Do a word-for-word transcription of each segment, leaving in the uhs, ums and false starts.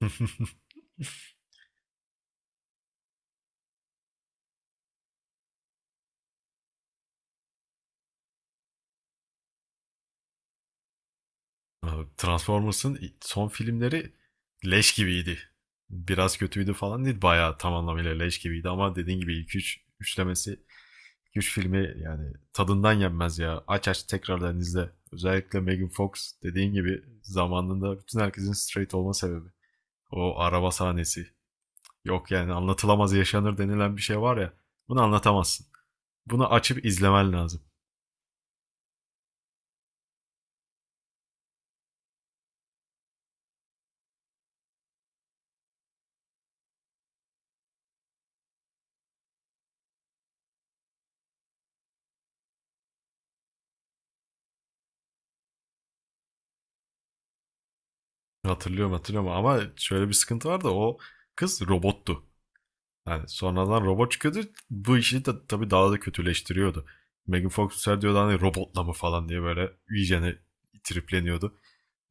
Abi, Transformers'ın son filmleri leş gibiydi. Biraz kötüydü falan değil. Bayağı tam anlamıyla leş gibiydi ama dediğin gibi ilk üç, üçlemesi, üç filmi yani tadından yenmez ya. Aç aç tekrardan izle. Özellikle Megan Fox dediğin gibi zamanında bütün herkesin straight olma sebebi. O araba sahnesi. Yok yani anlatılamaz yaşanır denilen bir şey var ya. Bunu anlatamazsın. Bunu açıp izlemen lazım. Hatırlıyorum, hatırlıyorum ama şöyle bir sıkıntı var da o kız robottu. Yani sonradan robot çıkıyordu. Bu işi de tabii daha da kötüleştiriyordu. Megan Fox ser diyordu hani robotla mı falan diye böyle iyicene tripleniyordu.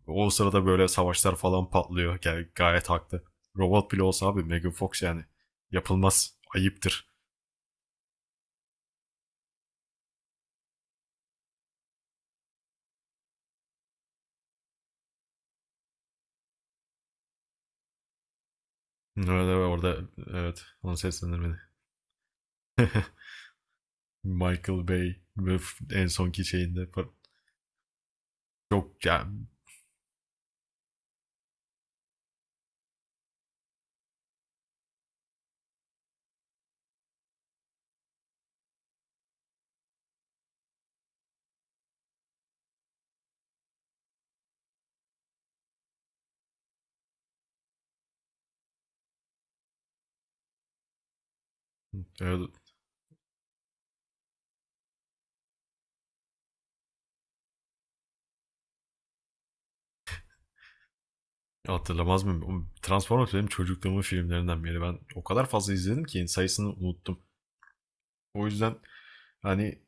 O sırada böyle savaşlar falan patlıyor. Yani gayet haklı. Robot bile olsa abi Megan Fox yani yapılmaz. Ayıptır. Öyle orada, evet, onu seslendirmeni. Michael Bay ve en sonki şeyinde çok yani. Evet. Hatırlamaz mıyım? Oğlum, Transformers benim çocukluğumun filmlerinden biri. Ben o kadar fazla izledim ki sayısını unuttum. O yüzden hani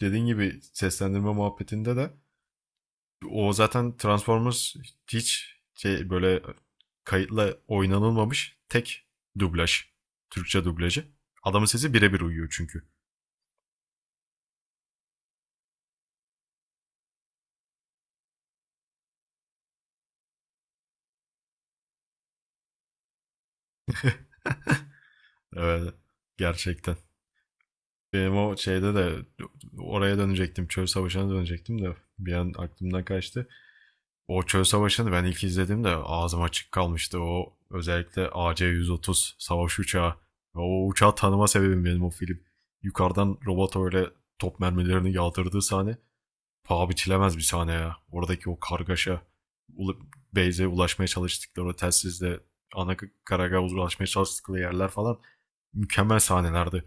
dediğin gibi seslendirme muhabbetinde de o zaten Transformers hiç şey böyle kayıtla oynanılmamış tek dublaj. Türkçe dublajı. Adamın sesi birebir uyuyor çünkü. Evet. Gerçekten. Benim o şeyde de oraya dönecektim. Çöl Savaşı'na dönecektim de bir an aklımdan kaçtı. O çöl savaşını ben ilk izlediğimde ağzım açık kalmıştı. O özellikle A C yüz otuz savaş uçağı. Ve o uçağı tanıma sebebim benim o film. Yukarıdan robot öyle top mermilerini yağdırdığı sahne paha biçilemez bir sahne ya. Oradaki o kargaşa, Beyze ulaşmaya çalıştıkları o telsizle ana karagaha ulaşmaya çalıştıkları yerler falan mükemmel sahnelerdi.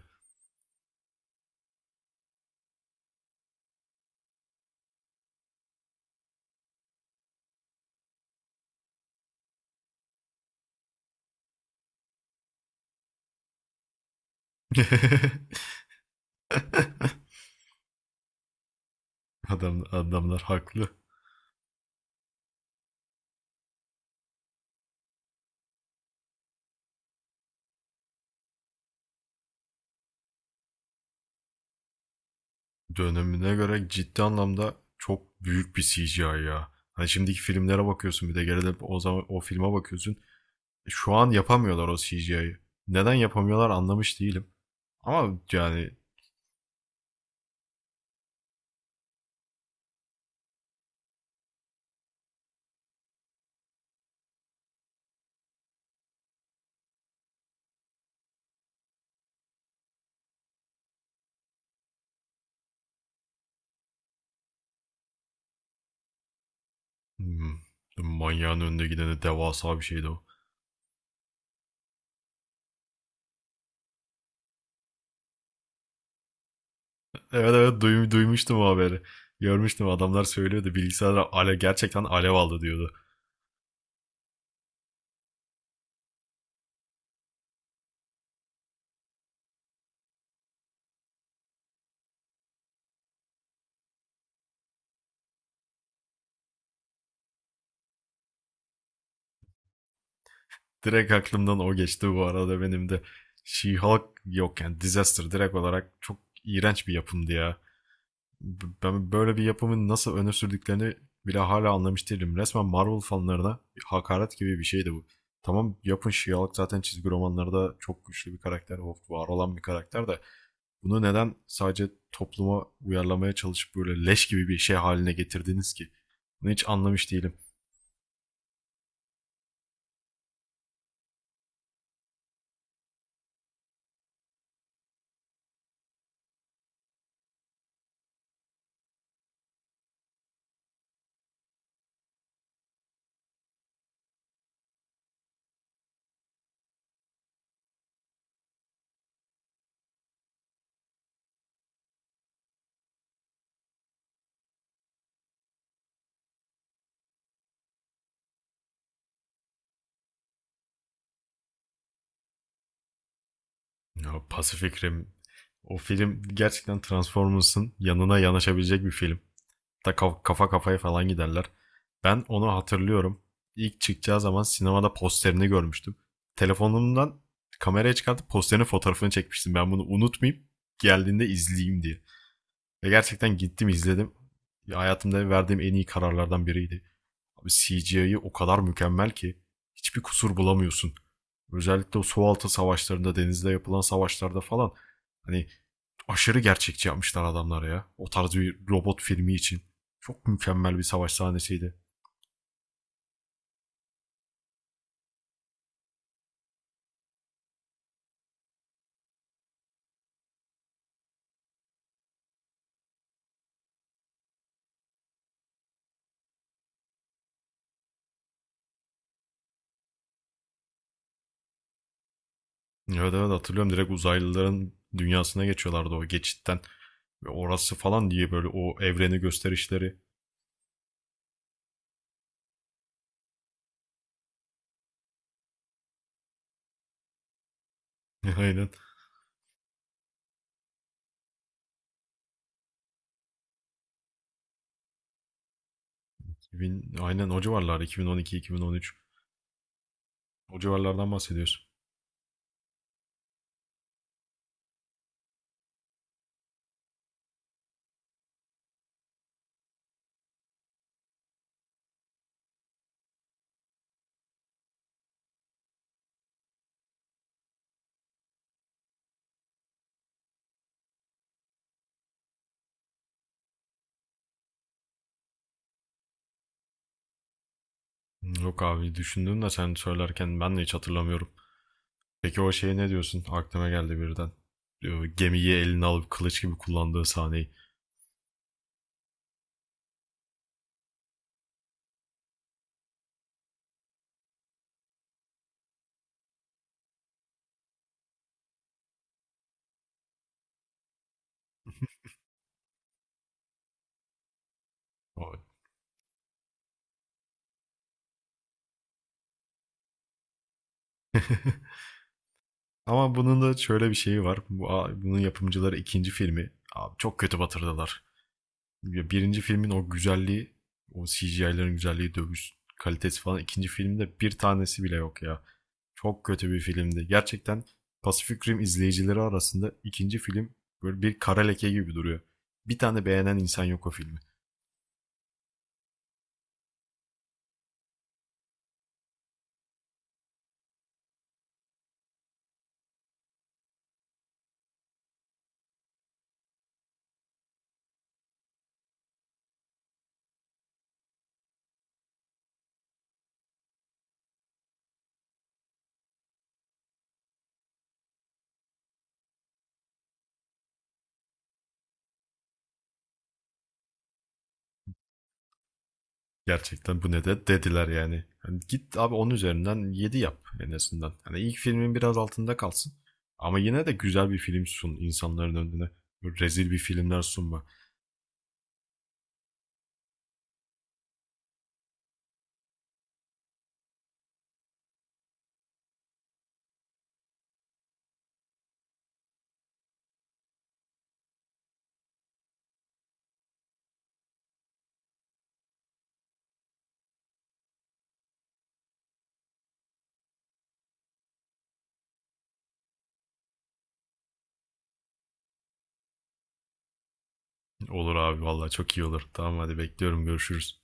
Adam, adamlar haklı. Dönemine göre ciddi anlamda çok büyük bir C G I ya. Hani şimdiki filmlere bakıyorsun bir de geride o zaman o filme bakıyorsun. Şu an yapamıyorlar o C G I'yi. Neden yapamıyorlar anlamış değilim. Ama yani hmm, manyağın önünde gideni devasa bir şeydi o. Evet, evet, duym- duymuştum o haberi. Görmüştüm, adamlar söylüyordu bilgisayarlar ale gerçekten alev aldı diyordu. Direkt aklımdan o geçti bu arada benim de. She-Hulk yok yani Disaster direkt olarak çok iğrenç bir yapımdı ya. B- Ben böyle bir yapımın nasıl öne sürdüklerini bile hala anlamış değilim. Resmen Marvel fanlarına hakaret gibi bir şeydi bu. Tamam, yapın, She-Hulk zaten çizgi romanlarda çok güçlü bir karakter, o var olan bir karakter de bunu neden sadece topluma uyarlamaya çalışıp böyle leş gibi bir şey haline getirdiniz ki? Bunu hiç anlamış değilim. Ya Pacific Rim, o film gerçekten Transformers'ın yanına yanaşabilecek bir film. Ta kaf- kafa kafaya falan giderler. Ben onu hatırlıyorum. İlk çıkacağı zaman sinemada posterini görmüştüm. Telefonumdan kameraya çıkartıp posterin fotoğrafını çekmiştim. Ben bunu unutmayıp geldiğinde izleyeyim diye. Ve gerçekten gittim izledim. Ya, hayatımda verdiğim en iyi kararlardan biriydi. Abi C G I'yi o kadar mükemmel ki hiçbir kusur bulamıyorsun. Özellikle o su altı savaşlarında, denizde yapılan savaşlarda falan hani aşırı gerçekçi yapmışlar adamlar ya. O tarz bir robot filmi için. Çok mükemmel bir savaş sahnesiydi. Evet, evet, hatırlıyorum, direkt uzaylıların dünyasına geçiyorlardı o geçitten. Ve orası falan diye böyle o evreni gösterişleri. Aynen. iki bin, aynen o civarlar, iki bin on iki-iki bin on üç. O civarlardan bahsediyorsun. Yok abi, düşündüm de sen söylerken ben de hiç hatırlamıyorum. Peki o şeye ne diyorsun? Aklıma geldi birden. Ee, Gemiyi eline alıp kılıç gibi kullandığı sahneyi. O- Ama bunun da şöyle bir şeyi var. Bu, a- bunun yapımcıları ikinci filmi abi çok kötü batırdılar. Ya birinci filmin o güzelliği, o C G I'lerin güzelliği, dövüş kalitesi falan ikinci filmde bir tanesi bile yok ya. Çok kötü bir filmdi. Gerçekten Pacific Rim izleyicileri arasında ikinci film böyle bir kara leke gibi duruyor. Bir tane beğenen insan yok o filmi. Gerçekten bu ne de dediler yani. Hani git abi, on üzerinden yedi yap en azından. Hani ilk filmin biraz altında kalsın. Ama yine de güzel bir film sun insanların önüne. Böyle rezil bir filmler sunma. Olur abi, vallahi çok iyi olur. Tamam, hadi bekliyorum, görüşürüz.